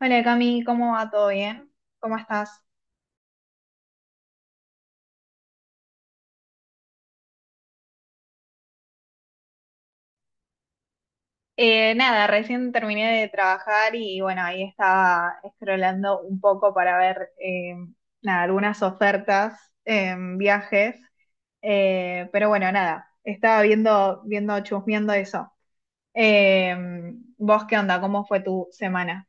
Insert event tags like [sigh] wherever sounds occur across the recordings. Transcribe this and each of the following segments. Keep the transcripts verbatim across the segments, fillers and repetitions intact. Hola Cami, ¿cómo va? ¿Todo bien? ¿Cómo estás? Eh, nada, recién terminé de trabajar y bueno, ahí estaba scrollando un poco para ver eh, nada, algunas ofertas en viajes. Eh, pero bueno, nada, estaba viendo, viendo, chusmeando eso. Eh, ¿Vos qué onda? ¿Cómo fue tu semana?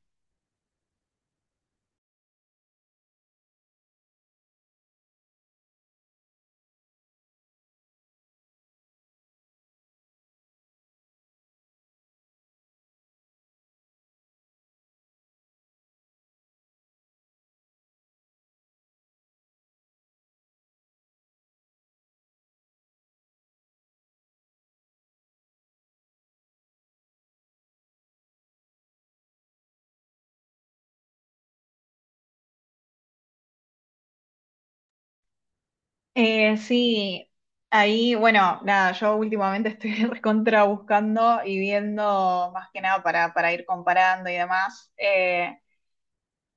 Eh, sí, ahí, bueno, nada, yo últimamente estoy [laughs] recontra buscando y viendo más que nada para, para ir comparando y demás. Eh,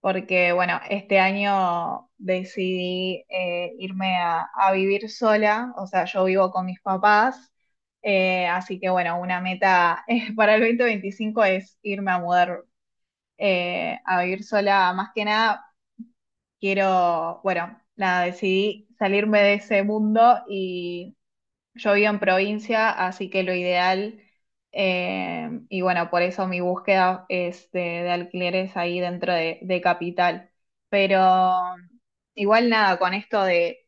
Porque bueno, este año decidí eh, irme a, a vivir sola, o sea, yo vivo con mis papás, eh, así que bueno, una meta [laughs] eh, para el dos mil veinticinco es irme a mudar eh, a vivir sola, más que nada quiero, bueno, nada, decidí salirme de ese mundo y yo vivo en provincia, así que lo ideal, eh, y bueno, por eso mi búsqueda es de, de alquileres ahí dentro de, de capital. Pero igual nada, con esto de,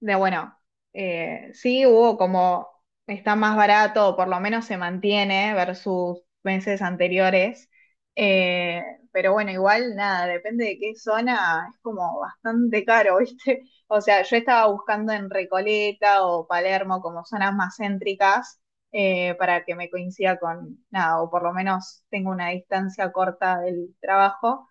de bueno, eh, sí hubo como está más barato, o por lo menos se mantiene versus meses anteriores. eh, pero bueno, igual nada, depende de qué zona, es como bastante caro, [laughs] ¿viste? O sea, yo estaba buscando en Recoleta o Palermo como zonas más céntricas, eh, para que me coincida con nada, o por lo menos tengo una distancia corta del trabajo.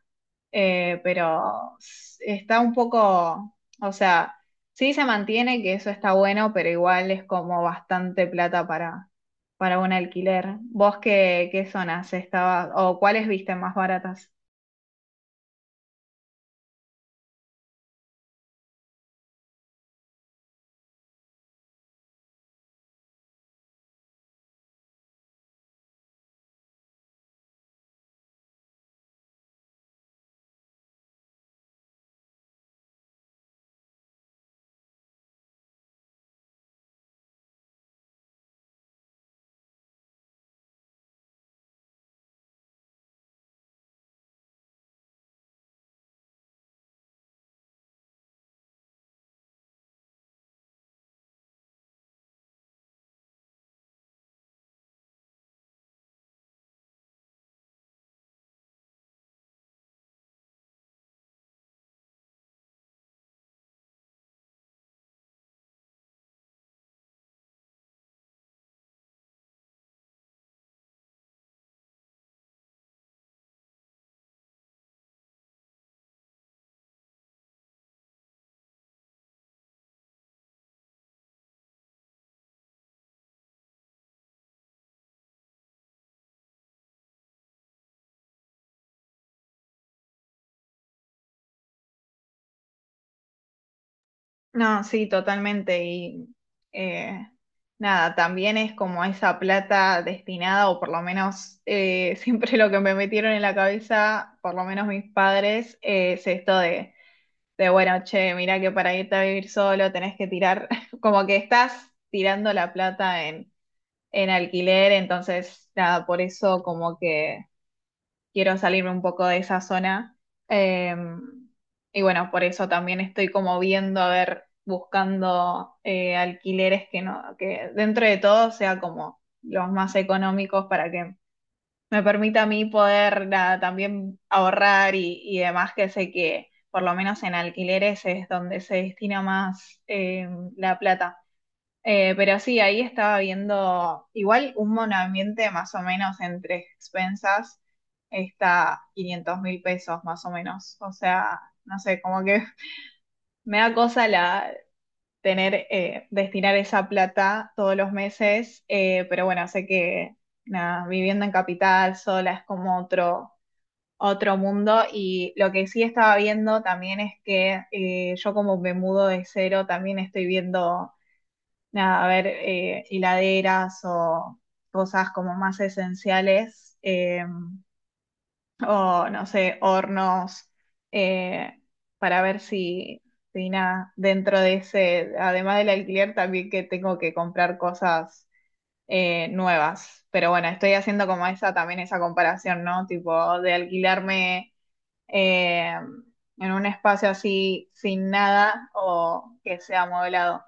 Eh, pero s- está un poco, o sea, sí se mantiene, que eso está bueno, pero igual es como bastante plata para, para un alquiler. ¿Vos qué, qué zonas estabas o cuáles viste más baratas? No, sí, totalmente. Y eh, nada, también es como esa plata destinada, o por lo menos eh, [laughs] siempre lo que me metieron en la cabeza, por lo menos mis padres, eh, es esto de. De bueno, che, mira que para irte a vivir solo tenés que tirar, [laughs] como que estás tirando la plata en, en alquiler, entonces nada, por eso como que quiero salirme un poco de esa zona. Eh, y bueno, por eso también estoy como viendo, a ver, buscando eh, alquileres que no, que dentro de todo sea como los más económicos para que me permite a mí poder nada, también ahorrar y, y demás, que sé que por lo menos en alquileres es donde se destina más eh, la plata. Eh, pero sí, ahí estaba viendo igual un monoambiente más o menos entre expensas está quinientos mil pesos más o menos. O sea, no sé, como que [laughs] me da cosa la tener, eh, destinar esa plata todos los meses, eh, pero bueno, sé que nada, viviendo en capital sola es como otro, otro mundo. Y lo que sí estaba viendo también es que eh, yo como me mudo de cero, también estoy viendo, nada, a ver, eh, hiladeras o cosas como más esenciales, eh, o no sé, hornos, eh, para ver si, si nada, dentro de ese, además del alquiler, también que tengo que comprar cosas eh, nuevas. Pero bueno, estoy haciendo como esa también esa comparación, ¿no? Tipo, de alquilarme eh, en un espacio así sin nada o que sea amueblado.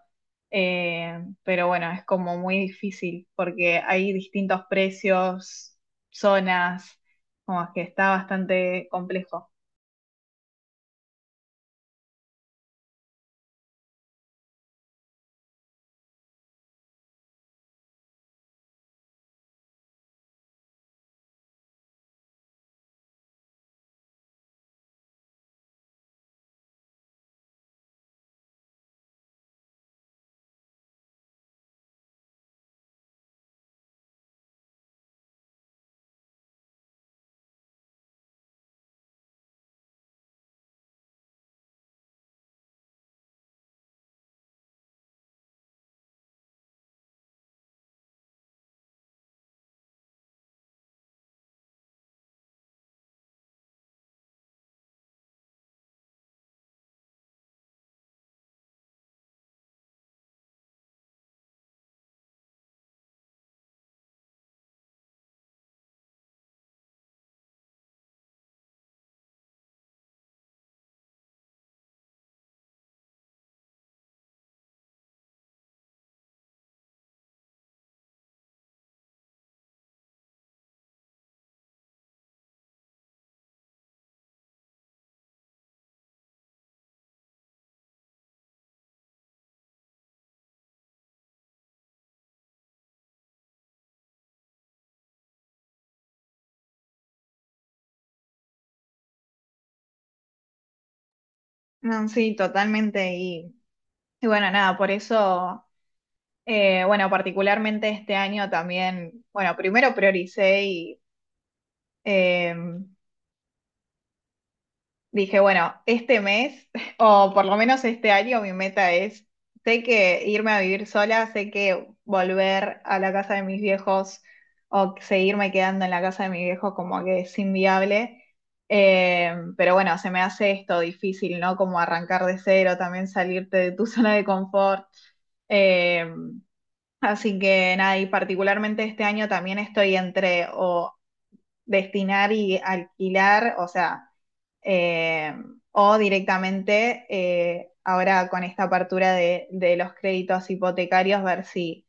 Eh, pero bueno, es como muy difícil porque hay distintos precios, zonas, como que está bastante complejo. No, sí, totalmente. Y, y bueno, nada, por eso, eh, bueno, particularmente este año también, bueno, primero prioricé y... Dije, bueno, este mes, [laughs] o por lo menos este año, mi meta es, sé que irme a vivir sola, sé que volver a la casa de mis viejos o seguirme quedando en la casa de mis viejos como que es inviable. Eh, pero bueno, se me hace esto difícil, ¿no? Como arrancar de cero, también salirte de tu [laughs] zona de confort. Eh, Así que nada, y particularmente este año también estoy entre o destinar y alquilar, o sea, eh, o directamente eh, ahora con esta apertura de, de, los créditos hipotecarios, ver si,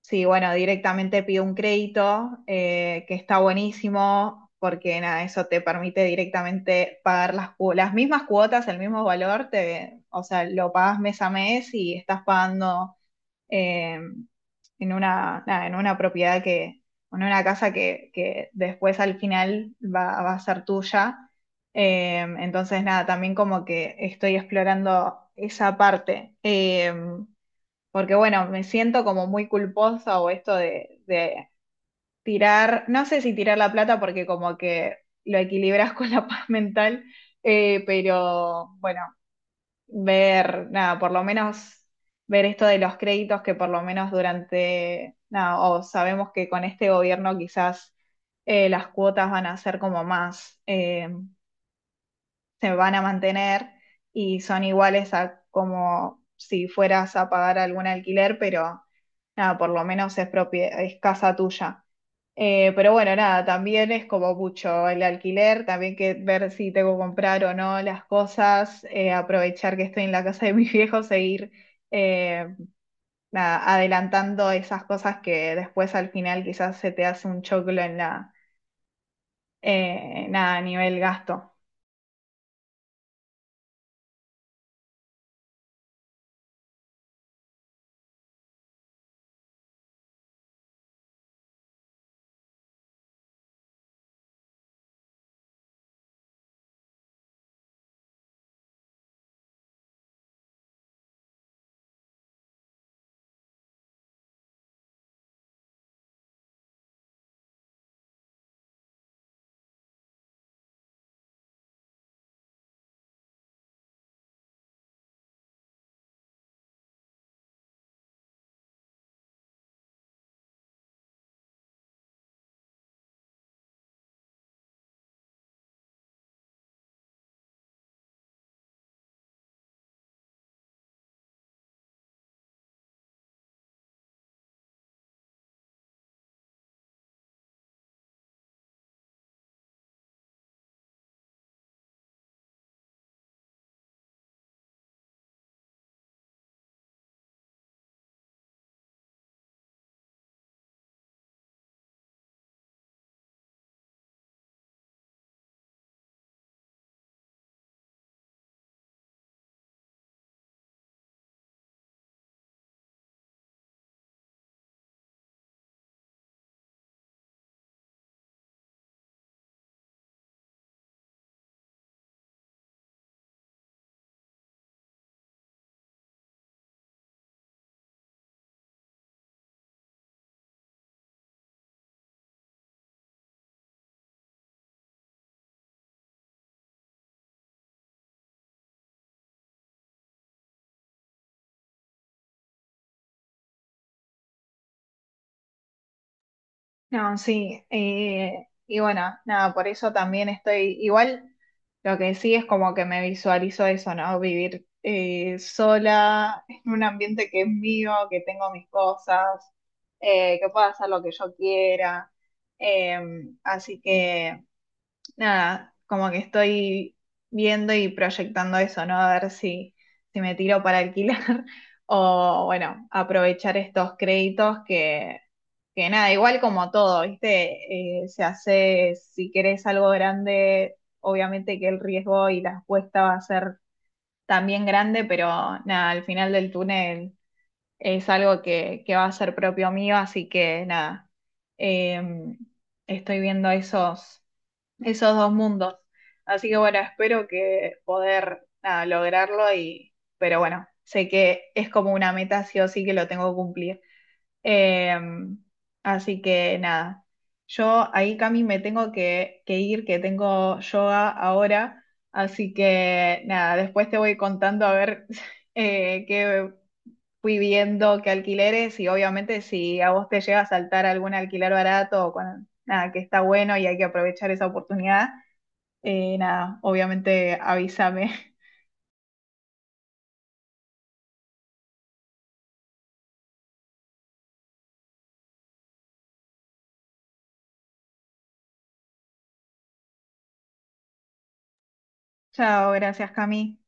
si bueno, directamente pido un crédito, eh, que está buenísimo, porque nada, eso te permite directamente pagar las, cu- las mismas cuotas, el mismo valor, te, o sea, lo pagas mes a mes y estás pagando eh, en una, nada, en una propiedad que, en una casa que, que después al final va, va a ser tuya. Eh, entonces, nada, también como que estoy explorando esa parte. Eh, porque bueno, me siento como muy culposa o esto de, de tirar, no sé si tirar la plata porque como que lo equilibras [laughs] con la paz mental, eh, pero bueno, ver, nada, por lo menos ver esto de los créditos que por lo menos durante, nada, o sabemos que con este gobierno quizás eh, las cuotas van a ser como más, eh, se van a mantener y son iguales a como si fueras a pagar algún alquiler, pero nada, por lo menos es propie- es casa tuya. Eh, pero bueno, nada, también es como mucho el alquiler, también que ver si tengo que comprar o no las cosas, eh, aprovechar que estoy en la casa de mis viejos e ir eh, nada, adelantando esas cosas que después al final quizás se te hace un choclo en la, eh, nada, a nivel gasto. No, sí, eh, y bueno, nada, por eso también estoy, igual lo que sí es como que me visualizo eso, ¿no? Vivir eh, sola en un ambiente que es mío, que tengo mis cosas, eh, que puedo hacer lo que yo quiera. eh, Así que nada, como que estoy viendo y proyectando eso, ¿no? A ver si, si me tiro para alquilar [laughs] o bueno, aprovechar estos créditos que nada, igual como todo, ¿viste? Eh, se hace, si querés algo grande, obviamente que el riesgo y la apuesta va a ser también grande, pero nada, al final del túnel es algo que, que va a ser propio mío, así que nada, eh, estoy viendo esos, esos dos mundos. Así que bueno, espero que poder nada, lograrlo y, pero bueno, sé que es como una meta sí o sí que lo tengo que cumplir. Eh, Así que nada, yo ahí, Cami, me tengo que, que ir, que tengo yoga ahora, así que nada, después te voy contando a ver [laughs] eh, qué fui viendo, qué alquileres y obviamente si a vos te llega a saltar algún alquiler barato o cuando, nada, que está bueno y hay que aprovechar esa oportunidad, eh, nada, obviamente avísame. [laughs] Chao, gracias, Cami.